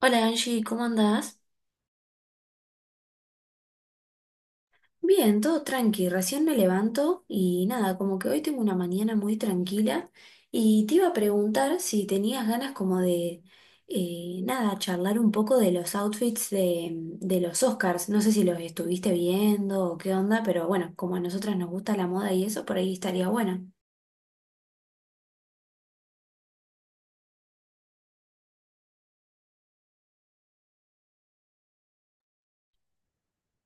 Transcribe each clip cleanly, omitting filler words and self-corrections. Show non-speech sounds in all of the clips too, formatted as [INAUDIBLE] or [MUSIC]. Hola Angie, ¿cómo andás? Bien, todo tranqui, recién me levanto y nada, como que hoy tengo una mañana muy tranquila y te iba a preguntar si tenías ganas como de, nada, charlar un poco de los outfits de los Oscars. No sé si los estuviste viendo o qué onda, pero bueno, como a nosotras nos gusta la moda y eso, por ahí estaría bueno.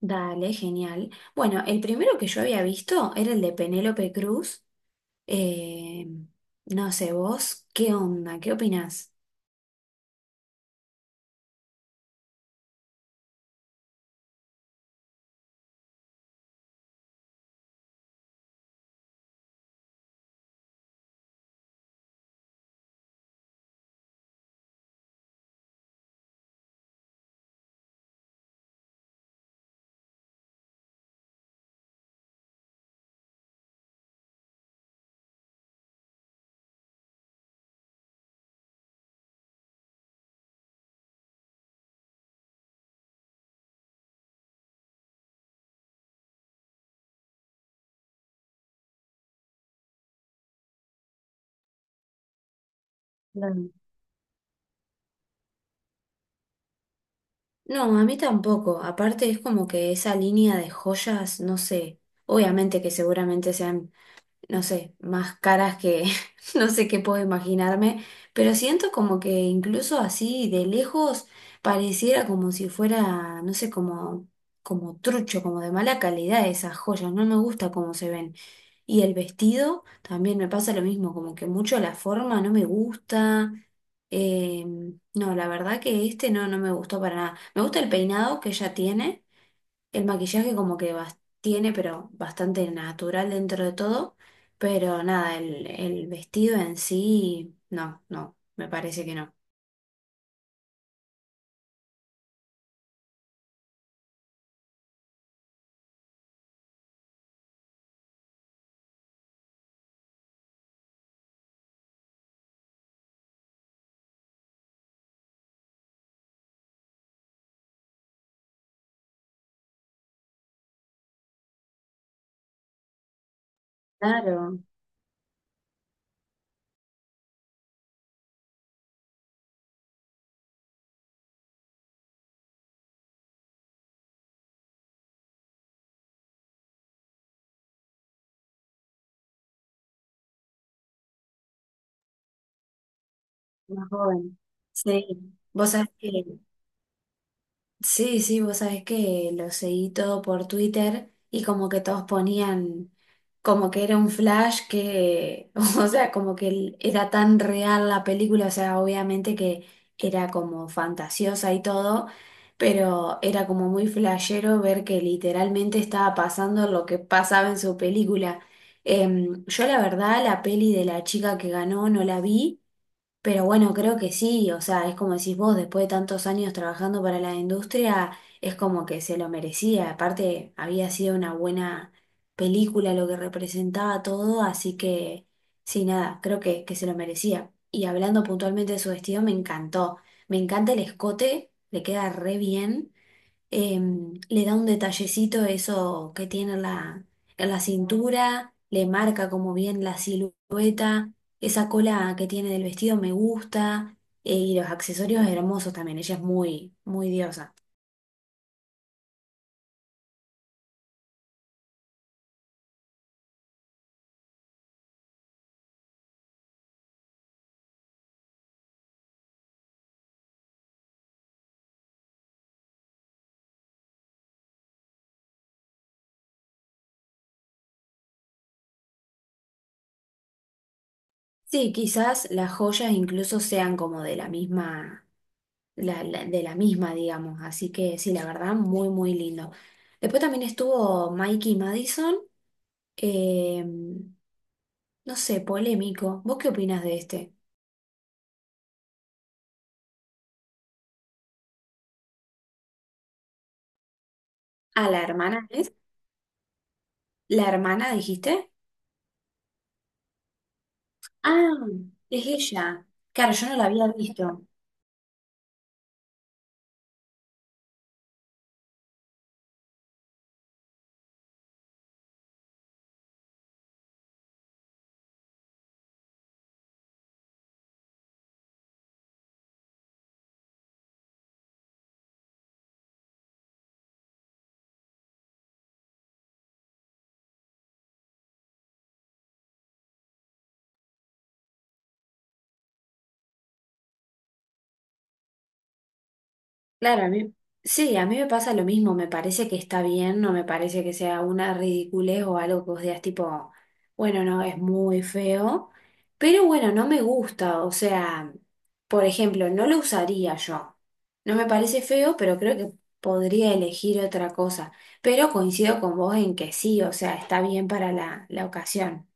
Dale, genial. Bueno, el primero que yo había visto era el de Penélope Cruz. Eh, no sé, vos, ¿qué onda? ¿Qué opinás? Claro. No, a mí tampoco. Aparte es como que esa línea de joyas, no sé, obviamente que seguramente sean no sé, más caras que [LAUGHS] no sé qué puedo imaginarme, pero siento como que incluso así de lejos pareciera como si fuera, no sé, como, como trucho, como de mala calidad esas joyas, no me gusta cómo se ven. Y el vestido también me pasa lo mismo, como que mucho la forma no me gusta. eh, no, la verdad que este no, no me gustó para nada. Me gusta el peinado que ella tiene, el maquillaje como que tiene, pero bastante natural dentro de todo. Pero nada, el vestido en sí, no, no, me parece que no. Claro, más joven. Sí, vos sabés que sí, sí, vos sabés que lo seguí todo por Twitter y como que todos ponían como que era un flash que, [LAUGHS] o sea, como que era tan real la película, o sea, obviamente que era como fantasiosa y todo, pero era como muy flashero ver que literalmente estaba pasando lo que pasaba en su película. Yo la verdad, la peli de la chica que ganó no la vi. Pero bueno, creo que sí, o sea, es como decís vos, después de tantos años trabajando para la industria, es como que se lo merecía. Aparte, había sido una buena película lo que representaba todo, así que sí, nada, creo que se lo merecía. Y hablando puntualmente de su vestido, me encantó. Me encanta el escote, le queda re bien. Le da un detallecito eso que tiene en la cintura, le marca como bien la silueta, esa cola que tiene del vestido me gusta, y los accesorios hermosos también, ella es muy, muy diosa. Sí, quizás las joyas incluso sean como de la misma, de la misma, digamos, así que sí, la verdad, muy, muy lindo. Después también estuvo Mikey Madison, em, no sé, polémico. ¿Vos qué opinas de este? A la hermana. ¿La hermana dijiste? Ah, es ella. Claro, yo no la había visto. Claro, a mí. Sí, a mí me pasa lo mismo. Me parece que está bien, no me parece que sea una ridiculez o algo que vos digas tipo, bueno, no, es muy feo. Pero bueno, no me gusta. O sea, por ejemplo, no lo usaría yo. No me parece feo, pero creo que podría elegir otra cosa. Pero coincido con vos en que sí, o sea, está bien para la ocasión.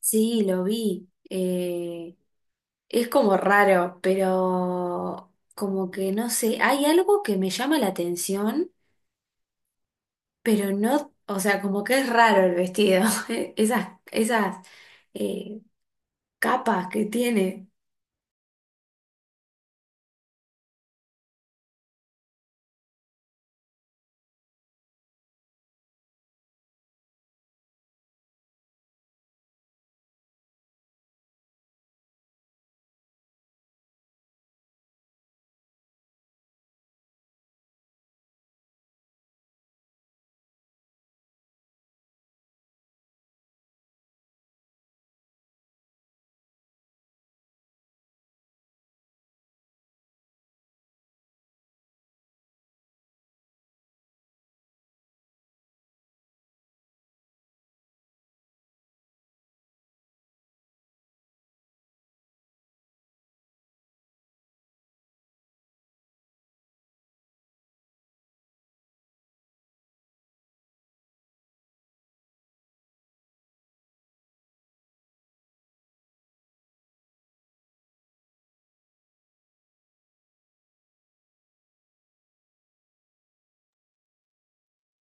Sí, lo vi. Es como raro, pero como que no sé, hay algo que me llama la atención, pero no, o sea, como que es raro el vestido, [LAUGHS] esas eh, capas que tiene,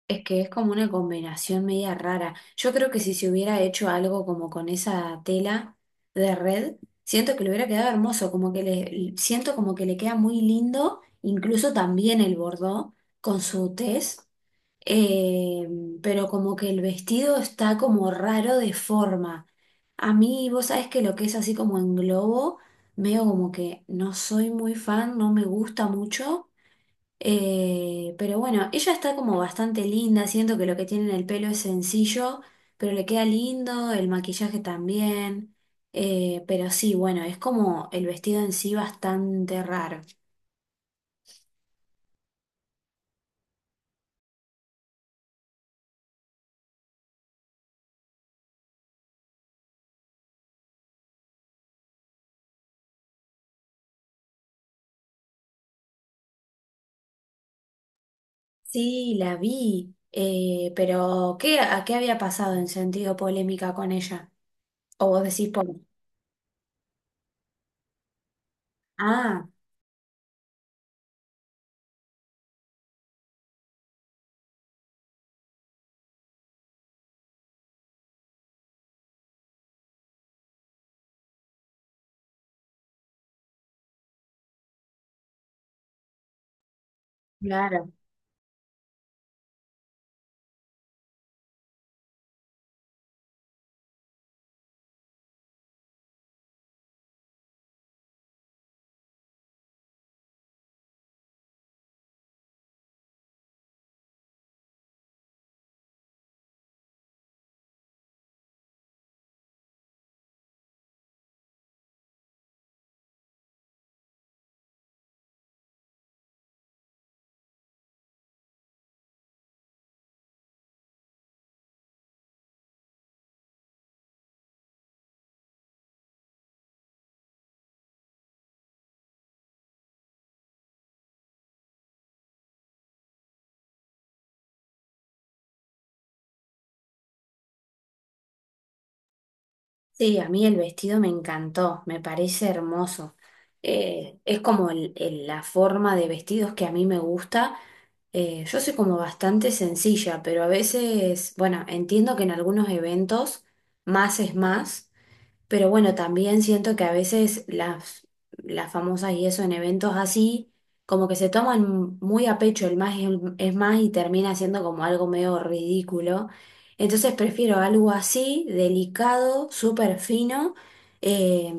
es que es como una combinación media rara. Yo creo que si se hubiera hecho algo como con esa tela de red, siento que le hubiera quedado hermoso, como que le, siento como que le queda muy lindo, incluso también el bordó con su tez. Eh, pero como que el vestido está como raro de forma. A mí, vos sabés que lo que es así como en globo, veo como que no soy muy fan, no me gusta mucho. Pero bueno, ella está como bastante linda, siento que lo que tiene en el pelo es sencillo, pero le queda lindo, el maquillaje también. Pero sí, bueno, es como el vestido en sí bastante raro. Sí, la vi, pero ¿qué, a qué había pasado en sentido polémica con ella? O vos decís por... Ah, claro. Sí, a mí el vestido me encantó, me parece hermoso. Es como la forma de vestidos que a mí me gusta. Yo soy como bastante sencilla, pero a veces, bueno, entiendo que en algunos eventos más es más. Pero bueno, también siento que a veces las famosas y eso en eventos así, como que se toman muy a pecho el más es más y termina siendo como algo medio ridículo. Entonces prefiero algo así, delicado, súper fino. eh,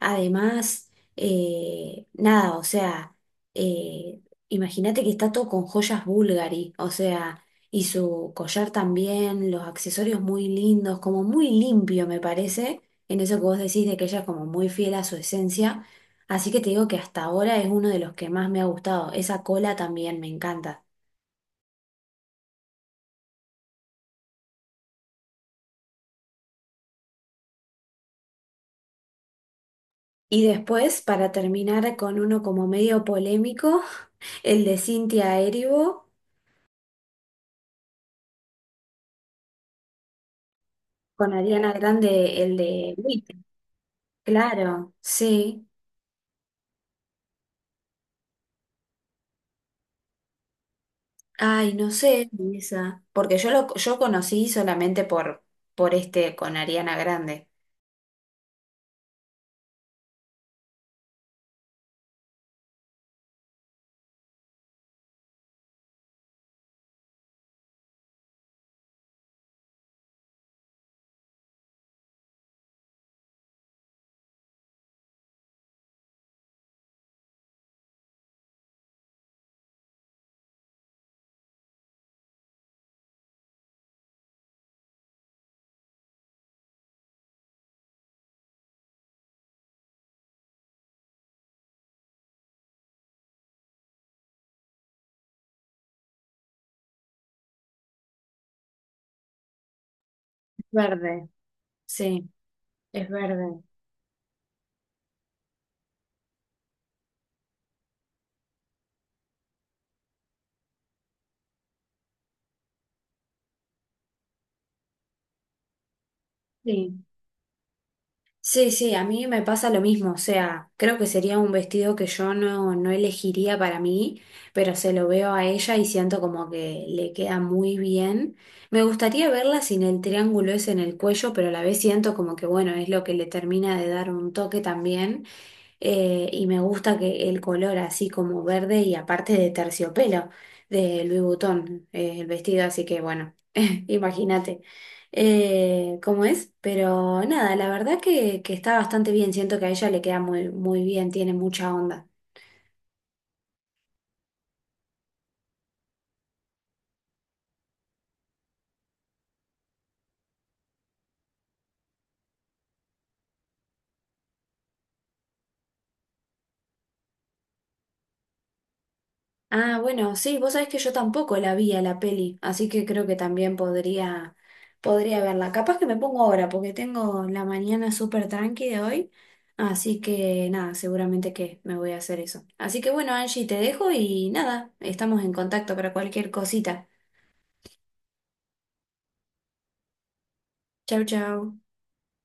además, Nada, o sea, eh, imagínate que está todo con joyas Bulgari, o sea, y su collar también, los accesorios muy lindos, como muy limpio me parece en eso que vos decís de que ella es como muy fiel a su esencia. Así que te digo que hasta ahora es uno de los que más me ha gustado. Esa cola también me encanta. Y después, para terminar con uno como medio polémico, [LAUGHS] el de Cynthia Erivo con Ariana Grande, el de Wicked. Claro, sí. Ay, no sé, esa. Porque yo conocí solamente por este con Ariana Grande. Verde, sí, es verde. Sí. Sí, sí, a mí me pasa lo mismo, o sea, creo que sería un vestido que yo no, no elegiría para mí, pero se lo veo a ella y siento como que le queda muy bien. Me gustaría verla sin el triángulo ese en el cuello, pero a la vez siento como que bueno, es lo que le termina de dar un toque también. Y me gusta que el color así como verde y aparte de terciopelo de Louis Vuitton, el vestido, así que bueno, [LAUGHS] imagínate cómo es, pero nada, la verdad que está bastante bien, siento que a ella le queda muy, muy bien, tiene mucha onda. Ah, bueno, sí, vos sabés que yo tampoco la vi a la peli, así que creo que también podría, podría verla. Capaz que me pongo ahora, porque tengo la mañana súper tranqui de hoy, así que nada, seguramente que me voy a hacer eso. Así que bueno, Angie, te dejo y nada, estamos en contacto para cualquier cosita. Chau, chau.